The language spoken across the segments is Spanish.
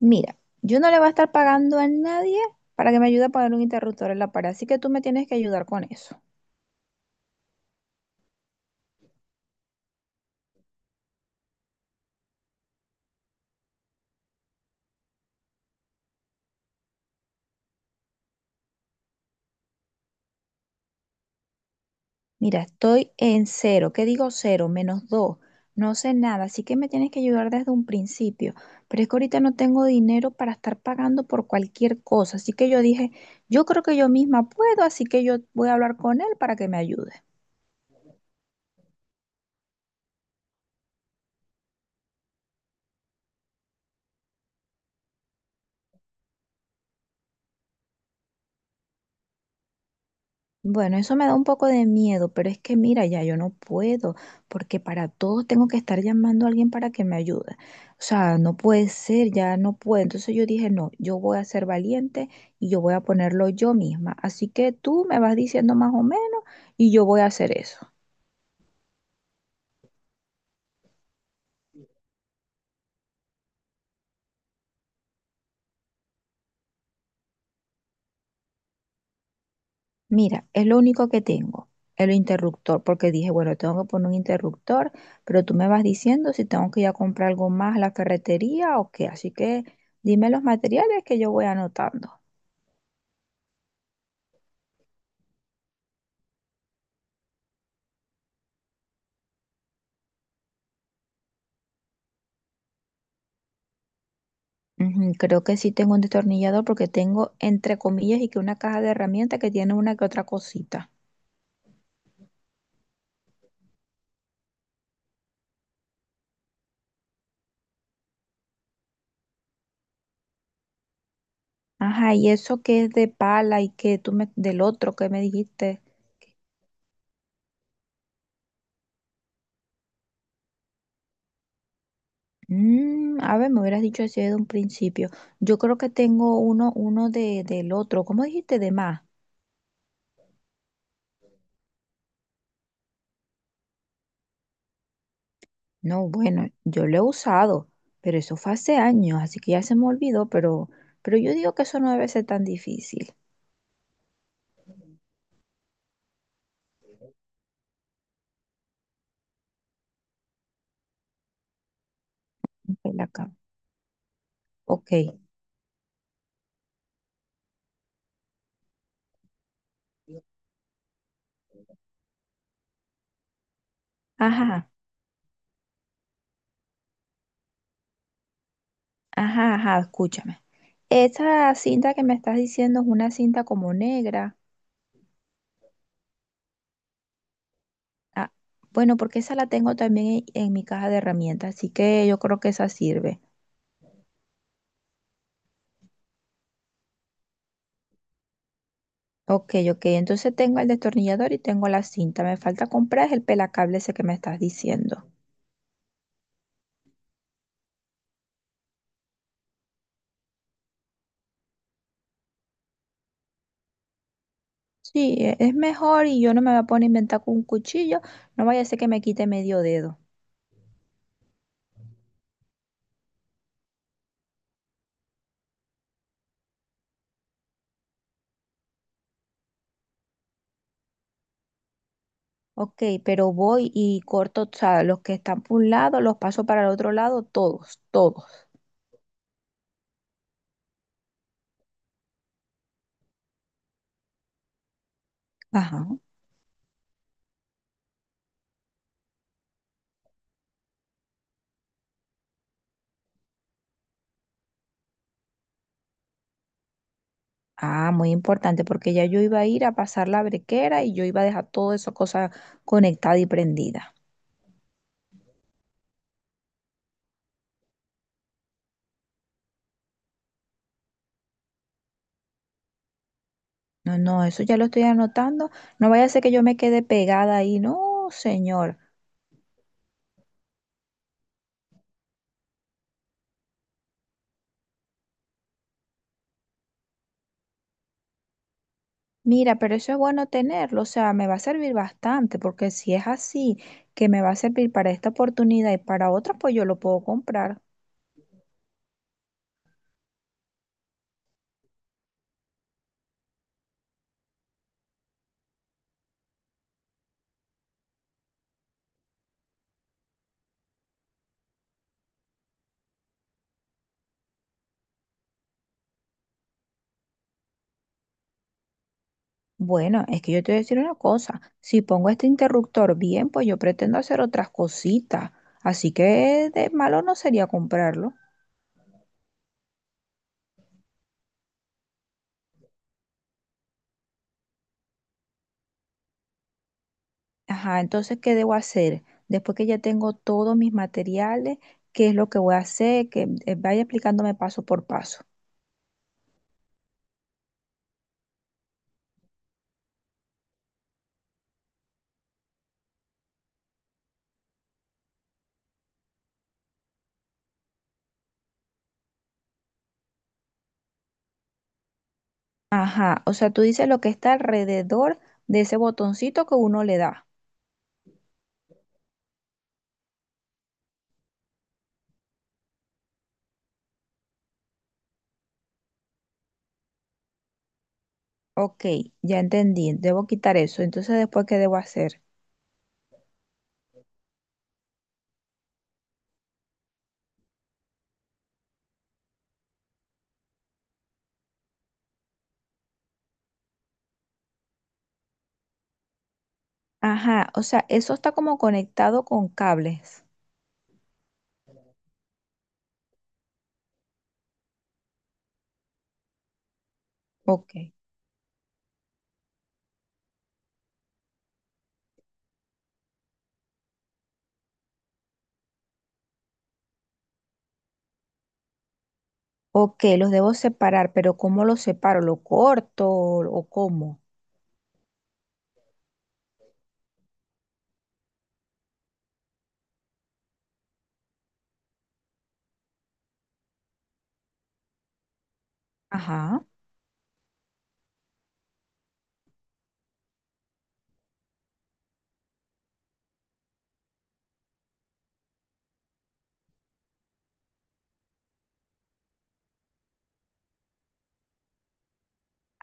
Mira, yo no le voy a estar pagando a nadie para que me ayude a pagar un interruptor en la pared, así que tú me tienes que ayudar con eso. Mira, estoy en cero. ¿Qué digo cero? Menos dos. No sé nada, así que me tienes que ayudar desde un principio. Pero es que ahorita no tengo dinero para estar pagando por cualquier cosa, así que yo dije, yo creo que yo misma puedo, así que yo voy a hablar con él para que me ayude. Bueno, eso me da un poco de miedo, pero es que mira, ya yo no puedo, porque para todo tengo que estar llamando a alguien para que me ayude. O sea, no puede ser, ya no puedo. Entonces yo dije, no, yo voy a ser valiente y yo voy a ponerlo yo misma. Así que tú me vas diciendo más o menos y yo voy a hacer eso. Mira, es lo único que tengo, el interruptor, porque dije, bueno, tengo que poner un interruptor, pero tú me vas diciendo si tengo que ir a comprar algo más a la ferretería o qué. Así que dime los materiales que yo voy anotando. Ujú, creo que sí tengo un destornillador porque tengo, entre comillas, y que una caja de herramientas que tiene una que otra cosita. Ajá, y eso que es de pala y que tú me, del otro que me dijiste. A ver, me hubieras dicho así de un principio. Yo creo que tengo uno del otro. ¿Cómo dijiste de más? No, bueno, yo lo he usado, pero eso fue hace años, así que ya se me olvidó, pero yo digo que eso no debe ser tan difícil. Ok, la ok. Ajá, ajá, ajá, escúchame. Esa cinta que me estás diciendo es una cinta como negra. Ah, bueno, porque esa la tengo también en mi caja de herramientas, así que yo creo que esa sirve. Ok, ok, entonces tengo el destornillador y tengo la cinta. Me falta comprar es el pelacable ese que me estás diciendo. Sí, es mejor y yo no me voy a poner a inventar con un cuchillo, no vaya a ser que me quite medio dedo. Ok, pero voy y corto, o sea, los que están por un lado, los paso para el otro lado, todos, todos. Ajá. Ah, muy importante, porque ya yo iba a ir a pasar la brequera y yo iba a dejar toda esa cosa conectada y prendida. No, no, eso ya lo estoy anotando. No vaya a ser que yo me quede pegada ahí. No, señor. Mira, pero eso es bueno tenerlo, o sea, me va a servir bastante, porque si es así, que me va a servir para esta oportunidad y para otras, pues yo lo puedo comprar. Bueno, es que yo te voy a decir una cosa, si pongo este interruptor bien, pues yo pretendo hacer otras cositas, así que de malo no sería comprarlo. Ajá, entonces, ¿qué debo hacer? Después que ya tengo todos mis materiales, ¿qué es lo que voy a hacer? Que vaya explicándome paso por paso. Ajá, o sea, tú dices lo que está alrededor de ese botoncito que uno le da. Ok, ya entendí, debo quitar eso. Entonces, después, ¿qué debo hacer? Ajá, o sea, eso está como conectado con cables. Ok, ok, los debo separar, pero ¿cómo los separo? ¿Lo corto o cómo? Ajá.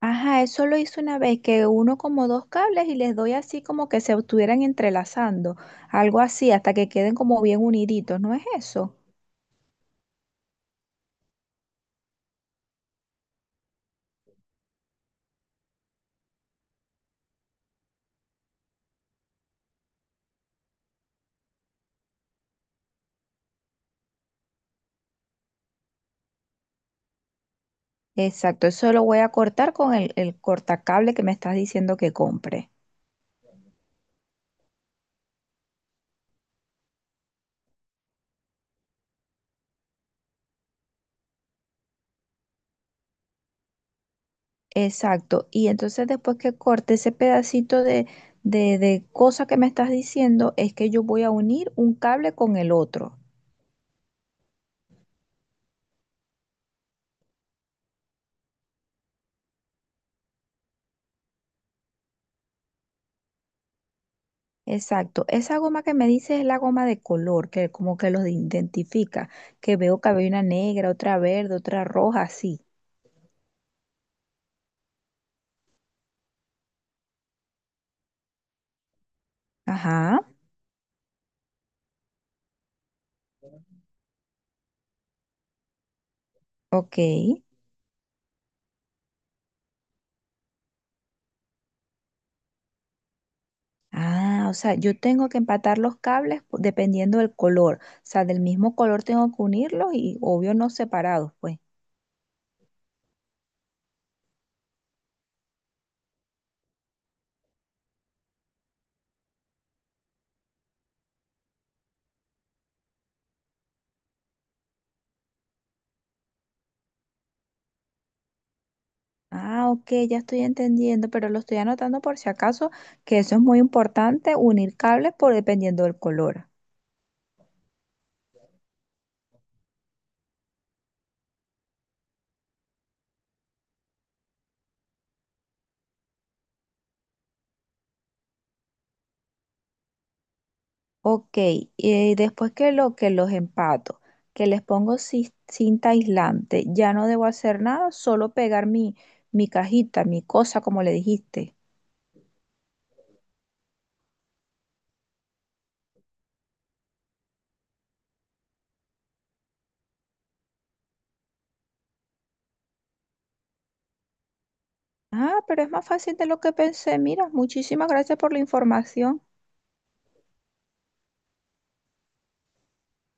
Ajá, eso lo hice una vez que uno como dos cables y les doy así como que se estuvieran entrelazando, algo así, hasta que queden como bien uniditos, ¿no es eso? Exacto, eso lo voy a cortar con el cortacable que me estás diciendo que compre. Exacto, y entonces después que corte ese pedacito de, de cosa que me estás diciendo, es que yo voy a unir un cable con el otro. Exacto, esa goma que me dices es la goma de color, que como que los identifica, que veo que había una negra, otra verde, otra roja, así. Ajá, ok. Ah, o sea, yo tengo que empatar los cables dependiendo del color, o sea, del mismo color tengo que unirlos y obvio no separados, pues. Ah, ok, ya estoy entendiendo, pero lo estoy anotando por si acaso, que eso es muy importante, unir cables por dependiendo del color. Ok, y después que lo que los empato, que les pongo cinta aislante, ya no debo hacer nada, solo pegar mi, mi cajita, mi cosa, como le dijiste. Ah, pero es más fácil de lo que pensé. Mira, muchísimas gracias por la información.